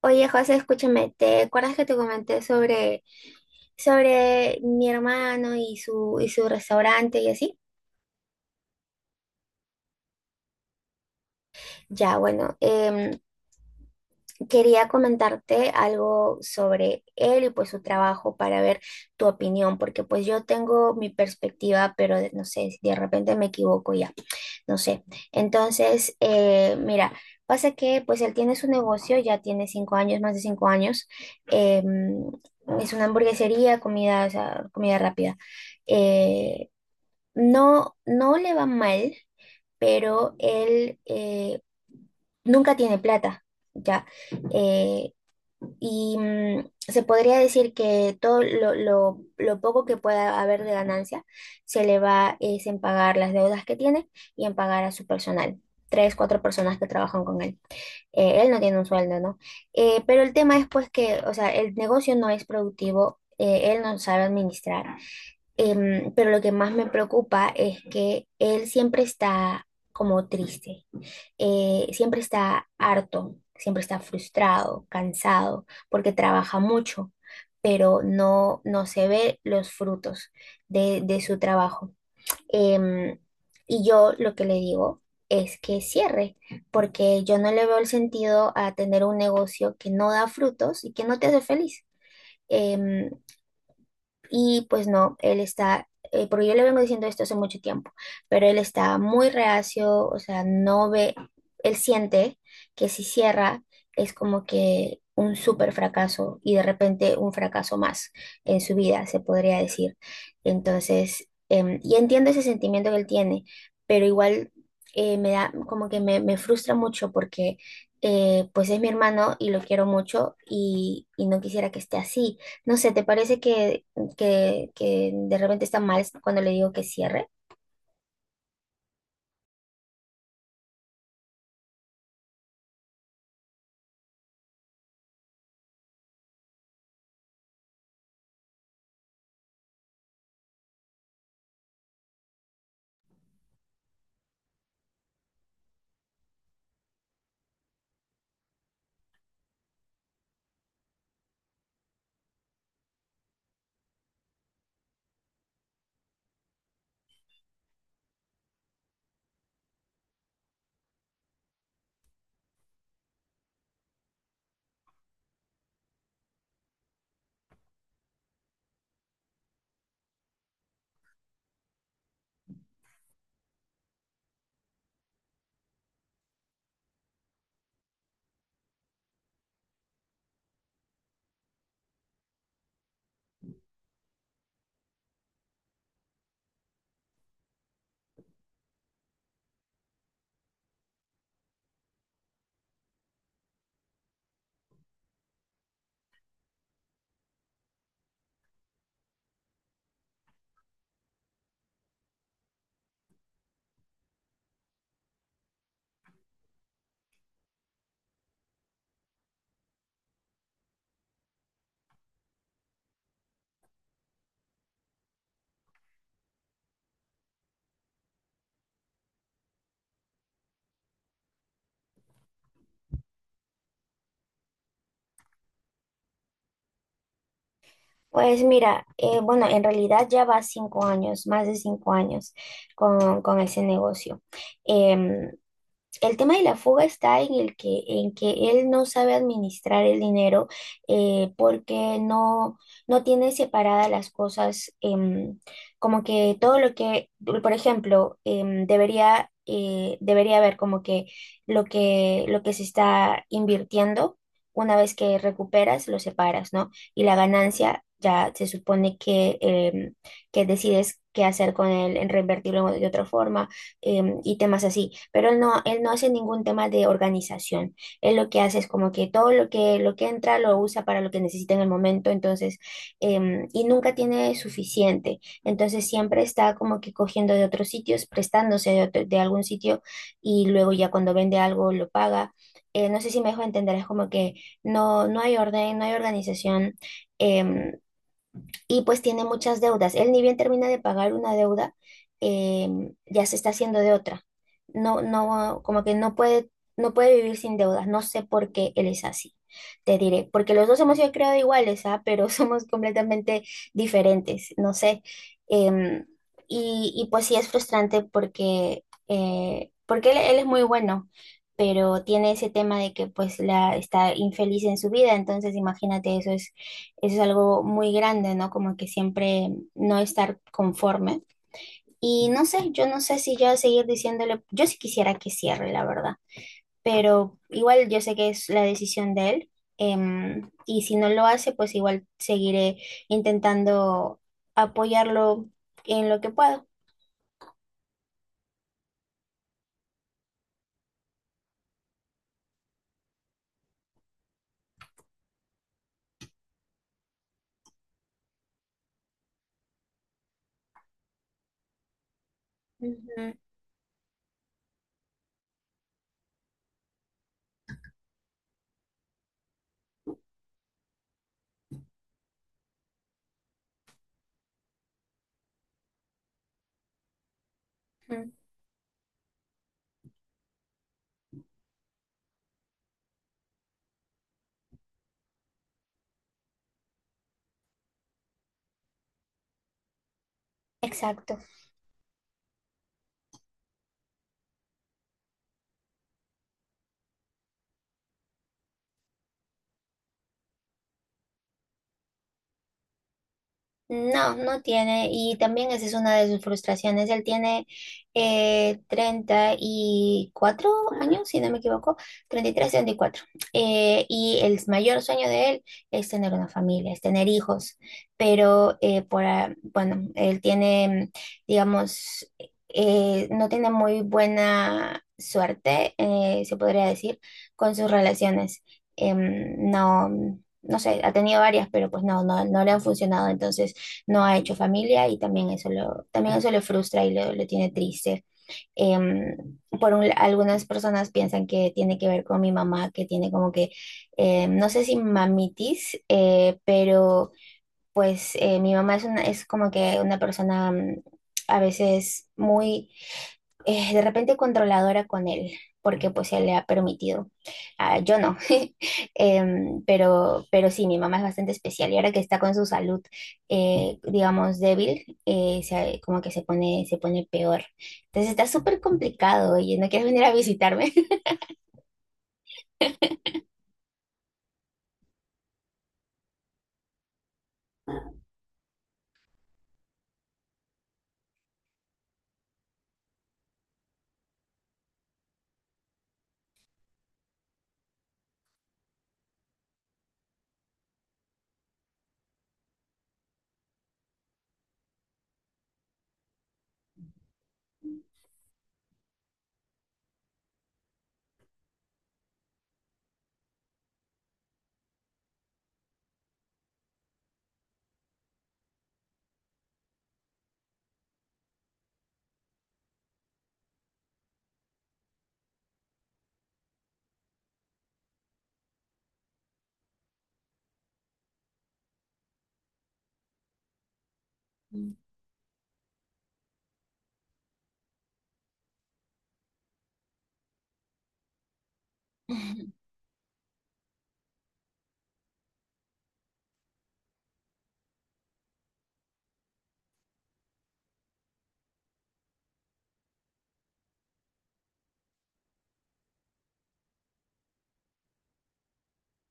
Oye, José, escúchame, ¿te acuerdas que te comenté sobre mi hermano y y su restaurante y así? Ya, bueno, quería comentarte algo sobre él y pues su trabajo para ver tu opinión, porque pues yo tengo mi perspectiva, pero no sé, de repente me equivoco ya. No sé. Entonces, mira, pasa que pues él tiene su negocio, ya tiene 5 años, más de 5 años. eh, es una hamburguesería, comida, o sea, comida rápida. Eh, no, no le va mal, pero él nunca tiene plata, ya. Eh, y se podría decir que todo lo poco que pueda haber de ganancia se le va es en pagar las deudas que tiene y en pagar a su personal. Tres, cuatro personas que trabajan con él. Él no tiene un sueldo, ¿no? Pero el tema es pues que, o sea, el negocio no es productivo, él no sabe administrar. Pero lo que más me preocupa es que él siempre está como triste, siempre está harto, siempre está frustrado, cansado, porque trabaja mucho, pero no, no se ve los frutos de su trabajo. Em, y yo lo que le digo es que cierre, porque yo no le veo el sentido a tener un negocio que no da frutos y que no te hace feliz. Em, y pues no, él está, porque yo le vengo diciendo esto hace mucho tiempo, pero él está muy reacio, o sea, no ve, él siente que si cierra es como que un súper fracaso y de repente un fracaso más en su vida, se podría decir. Entonces, y entiendo ese sentimiento que él tiene, pero igual, me da, como que me frustra mucho porque pues es mi hermano y lo quiero mucho y no quisiera que esté así. No sé, ¿te parece que de repente está mal cuando le digo que cierre? Pues mira, bueno, en realidad ya va 5 años, más de 5 años con ese negocio. Em, El tema de la fuga está en en que él no sabe administrar el dinero, porque no, no tiene separadas las cosas. Como que todo lo que, por ejemplo, debería haber como que lo que se está invirtiendo, una vez que recuperas, lo separas, ¿no? Y la ganancia ya se supone que decides qué hacer con él, en reinvertirlo de otra forma, y temas así, pero él no hace ningún tema de organización. Él lo que hace es como que todo lo que entra lo usa para lo que necesita en el momento, entonces, y nunca tiene suficiente. Entonces siempre está como que cogiendo de otros sitios, prestándose de algún sitio y luego ya cuando vende algo lo paga. No sé si me dejo entender, es como que no, no hay orden, no hay organización. em, y pues tiene muchas deudas. Él ni bien termina de pagar una deuda, ya se está haciendo de otra. No, no, como que no puede, vivir sin deudas. No sé por qué él es así. Te diré, porque los dos hemos sido creados iguales, ¿ah? Pero somos completamente diferentes, no sé. Em, y pues sí es frustrante porque, porque él es muy bueno, pero tiene ese tema de que pues la, está infeliz en su vida, entonces imagínate, eso es algo muy grande, ¿no? Como que siempre no estar conforme. Y no sé, yo no sé si yo seguir diciéndole, yo sí quisiera que cierre, la verdad, pero igual yo sé que es la decisión de él. Y si no lo hace, pues igual seguiré intentando apoyarlo en lo que puedo. Ujú, ujú. Exacto. No, no tiene, y también esa es una de sus frustraciones. Él tiene, 34 años, si no me equivoco, treinta y 34. Y el mayor sueño de él es tener una familia, es tener hijos, pero bueno, él tiene, digamos, no tiene muy buena suerte, se podría decir, con sus relaciones. No, no sé, ha tenido varias, pero pues no, no, no le han funcionado. Entonces, no ha hecho familia y también también eso le frustra y lo tiene triste. Algunas personas piensan que tiene que ver con mi mamá, que tiene como que, no sé, si mamitis, pero pues, mi mamá es, una, es como que una persona, a veces muy, de repente controladora con él, porque pues se le ha permitido. Ah, yo no, pero sí, mi mamá es bastante especial y ahora que está con su salud, digamos, débil, como que se pone peor. Entonces está súper complicado. Oye, ¿no quieres venir a visitarme? Mm. Ujú,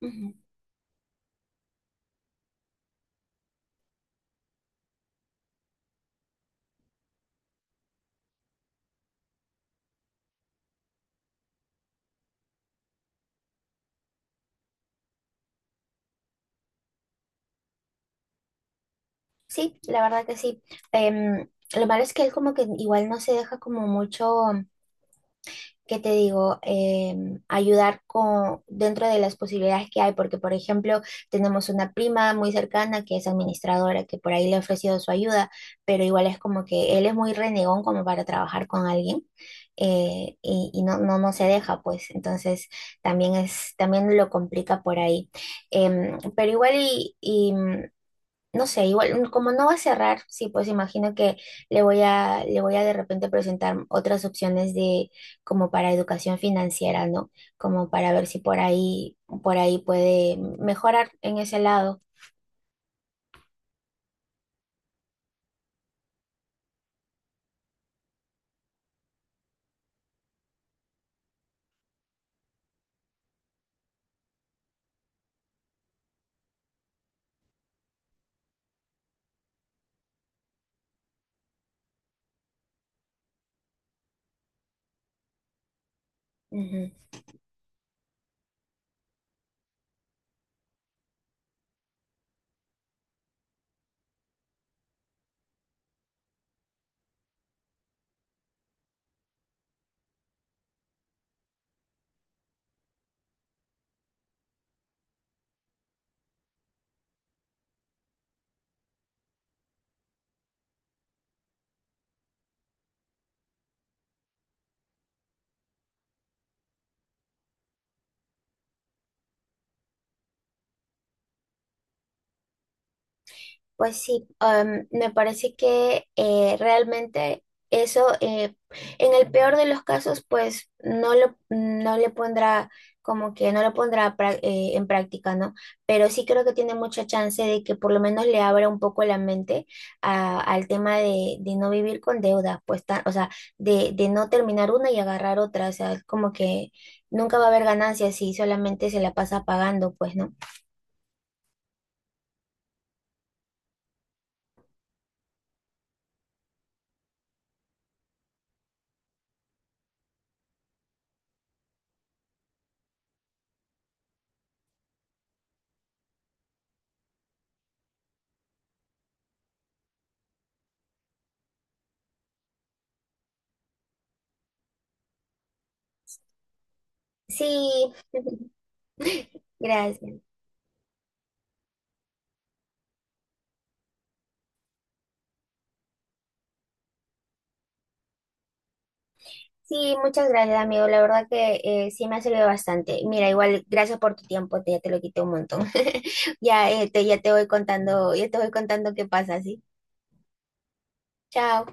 ujú. Sí, la verdad que sí. Em, lo malo es que él como que igual no se deja como mucho, ¿qué te digo? Ayudar con, dentro de las posibilidades que hay, porque por ejemplo tenemos una prima muy cercana que es administradora, que por ahí le he ofrecido su ayuda, pero igual es como que él es muy renegón como para trabajar con alguien. Y no, no, no se deja, pues entonces también es, también lo complica por ahí. Pero igual, no sé, igual, como no va a cerrar, sí, pues imagino que le voy a de repente presentar otras opciones de como para educación financiera, ¿no? Como para ver si por ahí, por ahí puede mejorar en ese lado. Ujú. Pues sí, me parece que, realmente eso, en el peor de los casos, pues no le pondrá, como que no lo pondrá en práctica, ¿no? Pero sí creo que tiene mucha chance de que por lo menos le abra un poco la mente al tema de no vivir con deudas, pues, o sea, de, no terminar una y agarrar otra, o sea, es como que nunca va a haber ganancias si solamente se la pasa pagando, pues, ¿no? Sí, gracias. Sí, muchas gracias, amigo. La verdad que, sí me ha servido bastante. Mira, igual, gracias por tu tiempo, ya te lo quité un montón. Ya, ya te voy contando, ya te voy contando qué pasa, ¿sí? Chao.